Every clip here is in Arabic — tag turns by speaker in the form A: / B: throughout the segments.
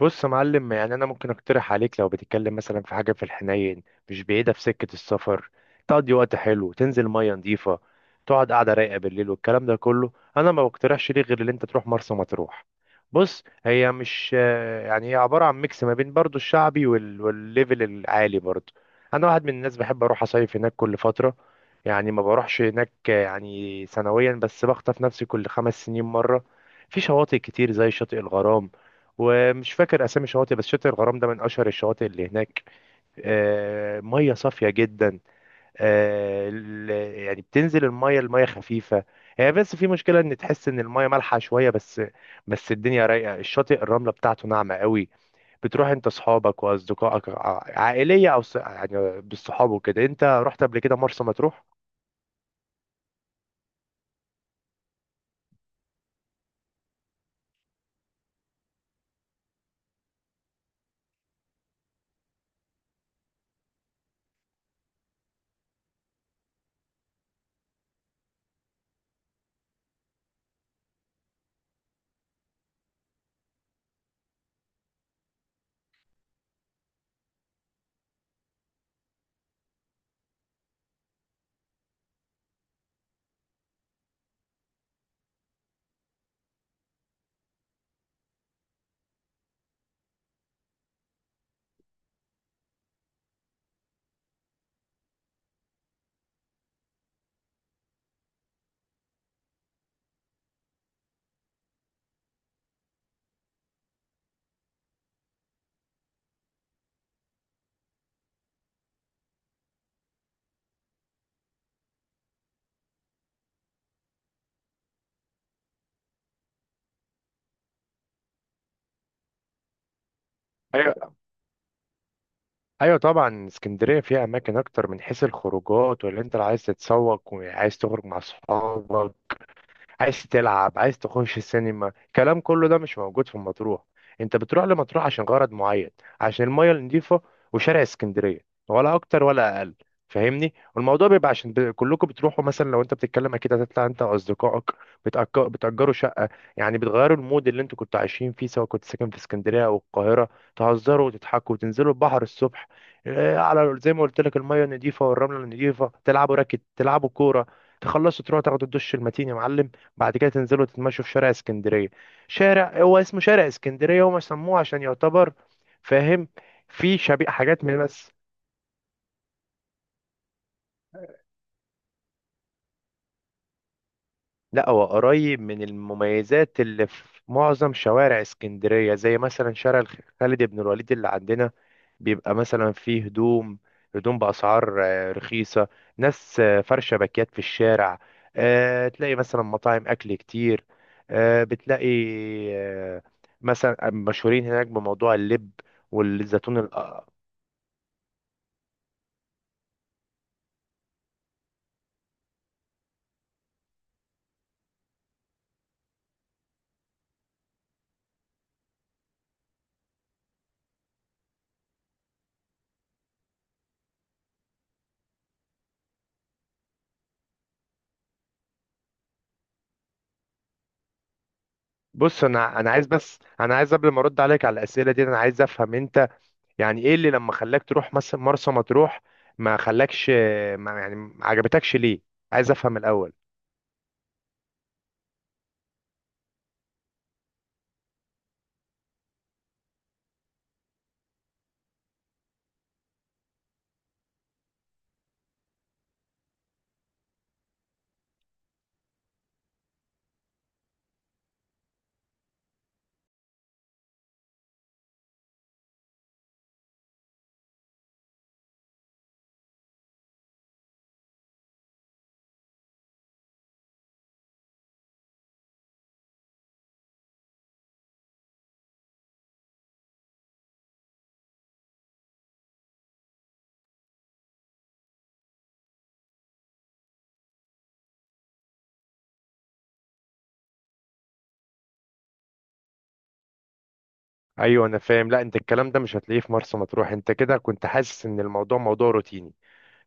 A: بص يا معلم، يعني انا ممكن اقترح عليك لو بتتكلم مثلا في حاجه في الحنين، مش بعيده في سكه السفر، تقضي وقت حلو، تنزل ميه نظيفه، تقعد قاعده رايقه بالليل والكلام ده كله. انا ما بقترحش ليه غير ان انت تروح مرسى مطروح. بص، هي مش يعني هي عباره عن ميكس ما بين برضو الشعبي والليفل العالي برضو. انا واحد من الناس بحب اروح اصيف هناك كل فتره، يعني ما بروحش هناك يعني سنويا، بس بخطف نفسي كل 5 سنين مره. في شواطئ كتير زي شاطئ الغرام، ومش فاكر اسامي شواطئ بس شاطئ الغرام ده من اشهر الشواطئ اللي هناك. آه، ميه صافيه جدا. آه، ال- يعني بتنزل الميه خفيفه. هي بس في مشكله ان تحس ان الميه مالحه شويه بس، بس الدنيا رايقه، الشاطئ الرمله بتاعته ناعمه قوي. بتروح انت اصحابك واصدقائك عائليه او يعني بالصحاب وكده. انت رحت قبل كده مرسى مطروح؟ ايوه. ايوه طبعا، اسكندريه فيها اماكن اكتر من حيث الخروجات، ولا انت اللي عايز تتسوق وعايز تخرج مع اصحابك، عايز تلعب، عايز تخش السينما، الكلام كله ده مش موجود في مطروح. انت بتروح لمطروح عشان غرض معين: عشان المية النظيفة وشارع اسكندرية، ولا اكتر ولا اقل. فاهمني؟ والموضوع بيبقى عشان كلكم بتروحوا. مثلا لو انت بتتكلم، اكيد هتطلع انت واصدقائك، بتأجروا شقة، يعني بتغيروا المود اللي انتوا كنتوا عايشين فيه، سواء كنت ساكن في اسكندرية او القاهرة. تهزروا وتضحكوا وتنزلوا البحر الصبح، اه، على زي ما قلت لك، المية النظيفة والرملة النظيفة، تلعبوا راكت، تلعبوا كورة، تخلصوا تروحوا تاخدوا الدش المتين يا معلم. بعد كده تنزلوا تتمشوا في شارع اسكندرية. شارع هو اسمه شارع اسكندرية، هم سموه عشان يعتبر، فاهم، في شبيه حاجات من، بس لا، هو قريب من المميزات اللي في معظم شوارع اسكندرية، زي مثلا شارع خالد بن الوليد اللي عندنا. بيبقى مثلا فيه هدوم بأسعار رخيصة، ناس فرشة باكيات في الشارع، تلاقي مثلا مطاعم أكل كتير، آه، بتلاقي آه، مثلا مشهورين هناك بموضوع اللب والزيتون بص، انا انا عايز بس انا عايز قبل ما ارد عليك على الاسئله دي انا عايز افهم انت يعني ايه اللي لما خلاك تروح مثلا مرسى مطروح ما خلاكش ما يعني ما عجبتكش ليه عايز افهم الاول ايوه انا فاهم لا انت الكلام ده مش هتلاقيه في مرسى مطروح انت كده كنت حاسس ان الموضوع موضوع روتيني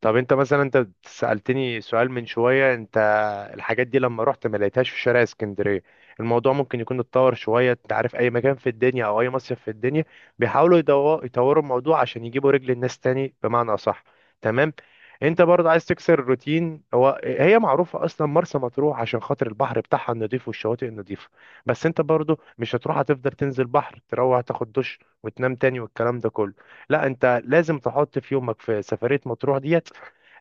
A: طب انت مثلا انت سألتني سؤال من شوية انت الحاجات دي لما رحت ما لقيتهاش في شارع اسكندرية الموضوع ممكن يكون اتطور شوية انت عارف اي مكان في الدنيا او اي مصيف في الدنيا بيحاولوا يدو- يطوروا الموضوع عشان يجيبوا رجل الناس تاني، بمعنى اصح. تمام؟ انت برضه عايز تكسر الروتين. هو هي معروفة اصلا مرسى مطروح عشان خاطر البحر بتاعها النضيف والشواطئ النضيفة، بس انت برضه مش هتروح هتفضل تنزل بحر تروح تاخد دش وتنام تاني والكلام ده كله. لا، انت لازم تحط في يومك في سفرية مطروح دي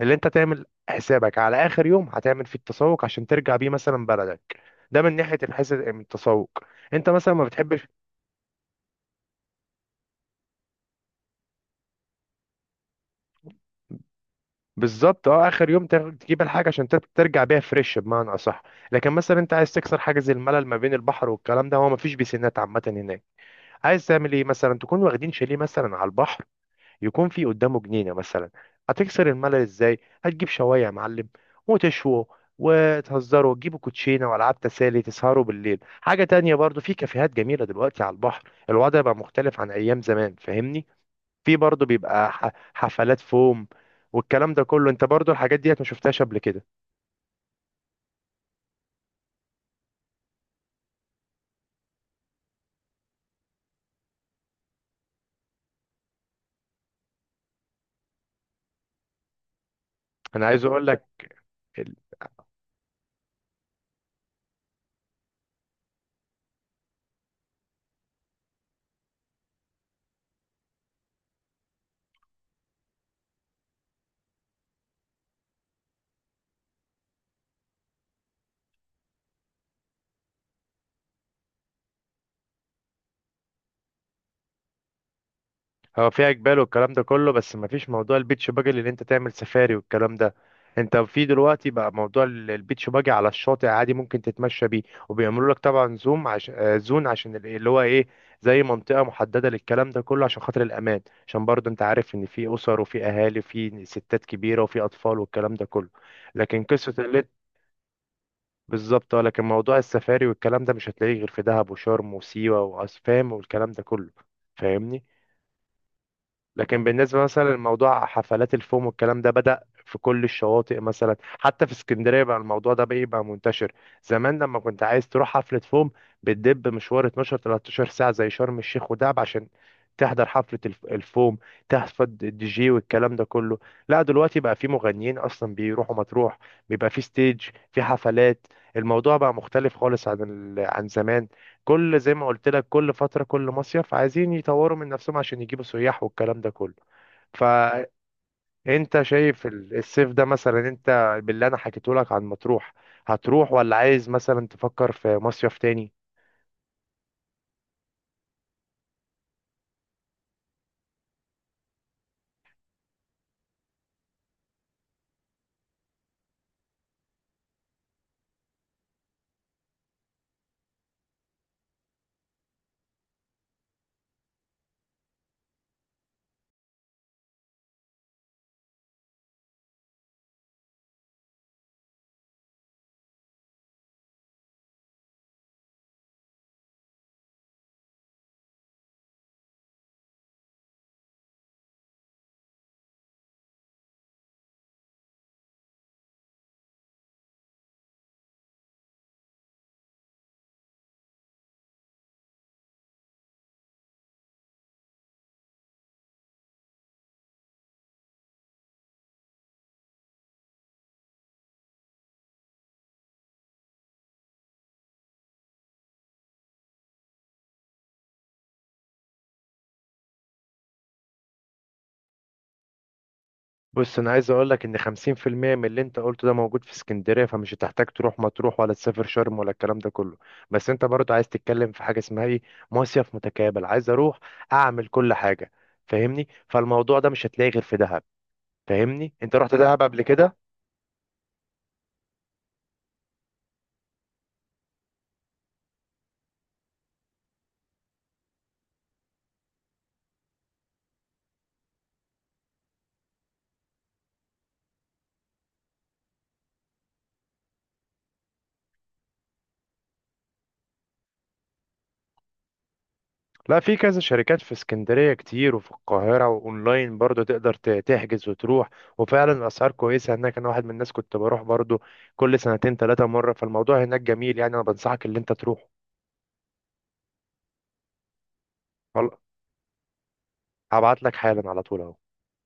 A: اللي انت تعمل حسابك على اخر يوم هتعمل فيه التسوق عشان ترجع بيه مثلا بلدك. ده من ناحيه الحساب من التسوق. انت مثلا ما بتحبش، بالظبط اه، اخر يوم تجيب الحاجه عشان ترجع بيها فريش، بمعنى اصح. لكن مثلا انت عايز تكسر حاجز الملل ما بين البحر والكلام ده. هو ما فيش بيسينات عامه هناك، عايز تعمل ايه؟ مثلا تكون واخدين شاليه مثلا على البحر، يكون في قدامه جنينة مثلا. هتكسر الملل ازاي؟ هتجيب شواية يا معلم وتشووا وتهزروا وتجيبوا كوتشينة وألعاب تسالي، تسهروا بالليل. حاجة تانية، برضو في كافيهات جميلة دلوقتي على البحر. الوضع بقى مختلف عن أيام زمان، فاهمني. في برضو بيبقى حفلات فوم والكلام ده كله. انت برضو الحاجات ديت ما شفتهاش قبل كده؟ انا عايز اقول لك. هو فيها جبال والكلام ده كله، بس مفيش موضوع البيتش باجي اللي انت تعمل سفاري والكلام ده. انت في دلوقتي بقى موضوع البيتش باجي على الشاطئ عادي، ممكن تتمشى بيه، وبيعملوا لك طبعا زوم عشان زون، عشان اللي هو ايه زي منطقة محددة للكلام ده كله عشان خاطر الأمان. عشان برضه انت عارف ان في أسر وفي أهالي وفي ستات كبيرة وفي أطفال والكلام ده كله. لكن قصة اللي، بالظبط اه. لكن موضوع السفاري والكلام ده مش هتلاقيه غير في دهب وشرم وسيوة وأسفام والكلام ده كله، فاهمني. لكن بالنسبة مثلا لموضوع حفلات الفوم والكلام ده، بدأ في كل الشواطئ، مثلا حتى في اسكندرية بقى الموضوع ده بقى يبقى منتشر. زمان لما كنت عايز تروح حفلة فوم، بتدب مشوار 12 13 ساعة زي شرم الشيخ ودهب عشان تحضر حفلة الفوم، تحفظ الدي جي والكلام ده كله. لا دلوقتي بقى في مغنيين أصلا بيروحوا مطروح، بيبقى في ستيج، في حفلات. الموضوع بقى مختلف خالص عن عن زمان. كل، زي ما قلت لك، كل فترة كل مصيف عايزين يطوروا من نفسهم عشان يجيبوا سياح والكلام ده كله. فانت شايف الصيف ده مثلا؟ انت باللي انا حكيته لك عن مطروح، هتروح ولا عايز مثلا تفكر في مصيف تاني؟ بص، انا عايز اقول لك ان 50% من اللي انت قلته ده موجود في اسكندرية، فمش هتحتاج تروح مطروح ولا تسافر شرم ولا الكلام ده كله. بس انت برضه عايز تتكلم في حاجة اسمها ايه؟ مصيف متكامل، عايز اروح اعمل كل حاجة، فاهمني. فالموضوع ده مش هتلاقيه غير في دهب. فاهمني؟ انت رحت دهب قبل كده؟ لا، في كذا شركات في اسكندرية كتير وفي القاهرة، وأونلاين برضو تقدر تحجز وتروح، وفعلا الأسعار كويسة هناك. أنا واحد من الناس كنت بروح برضو كل سنتين 3 مرة. فالموضوع هناك جميل، يعني أنا بنصحك اللي أنت تروح. هبعت لك حالا على طول أهو.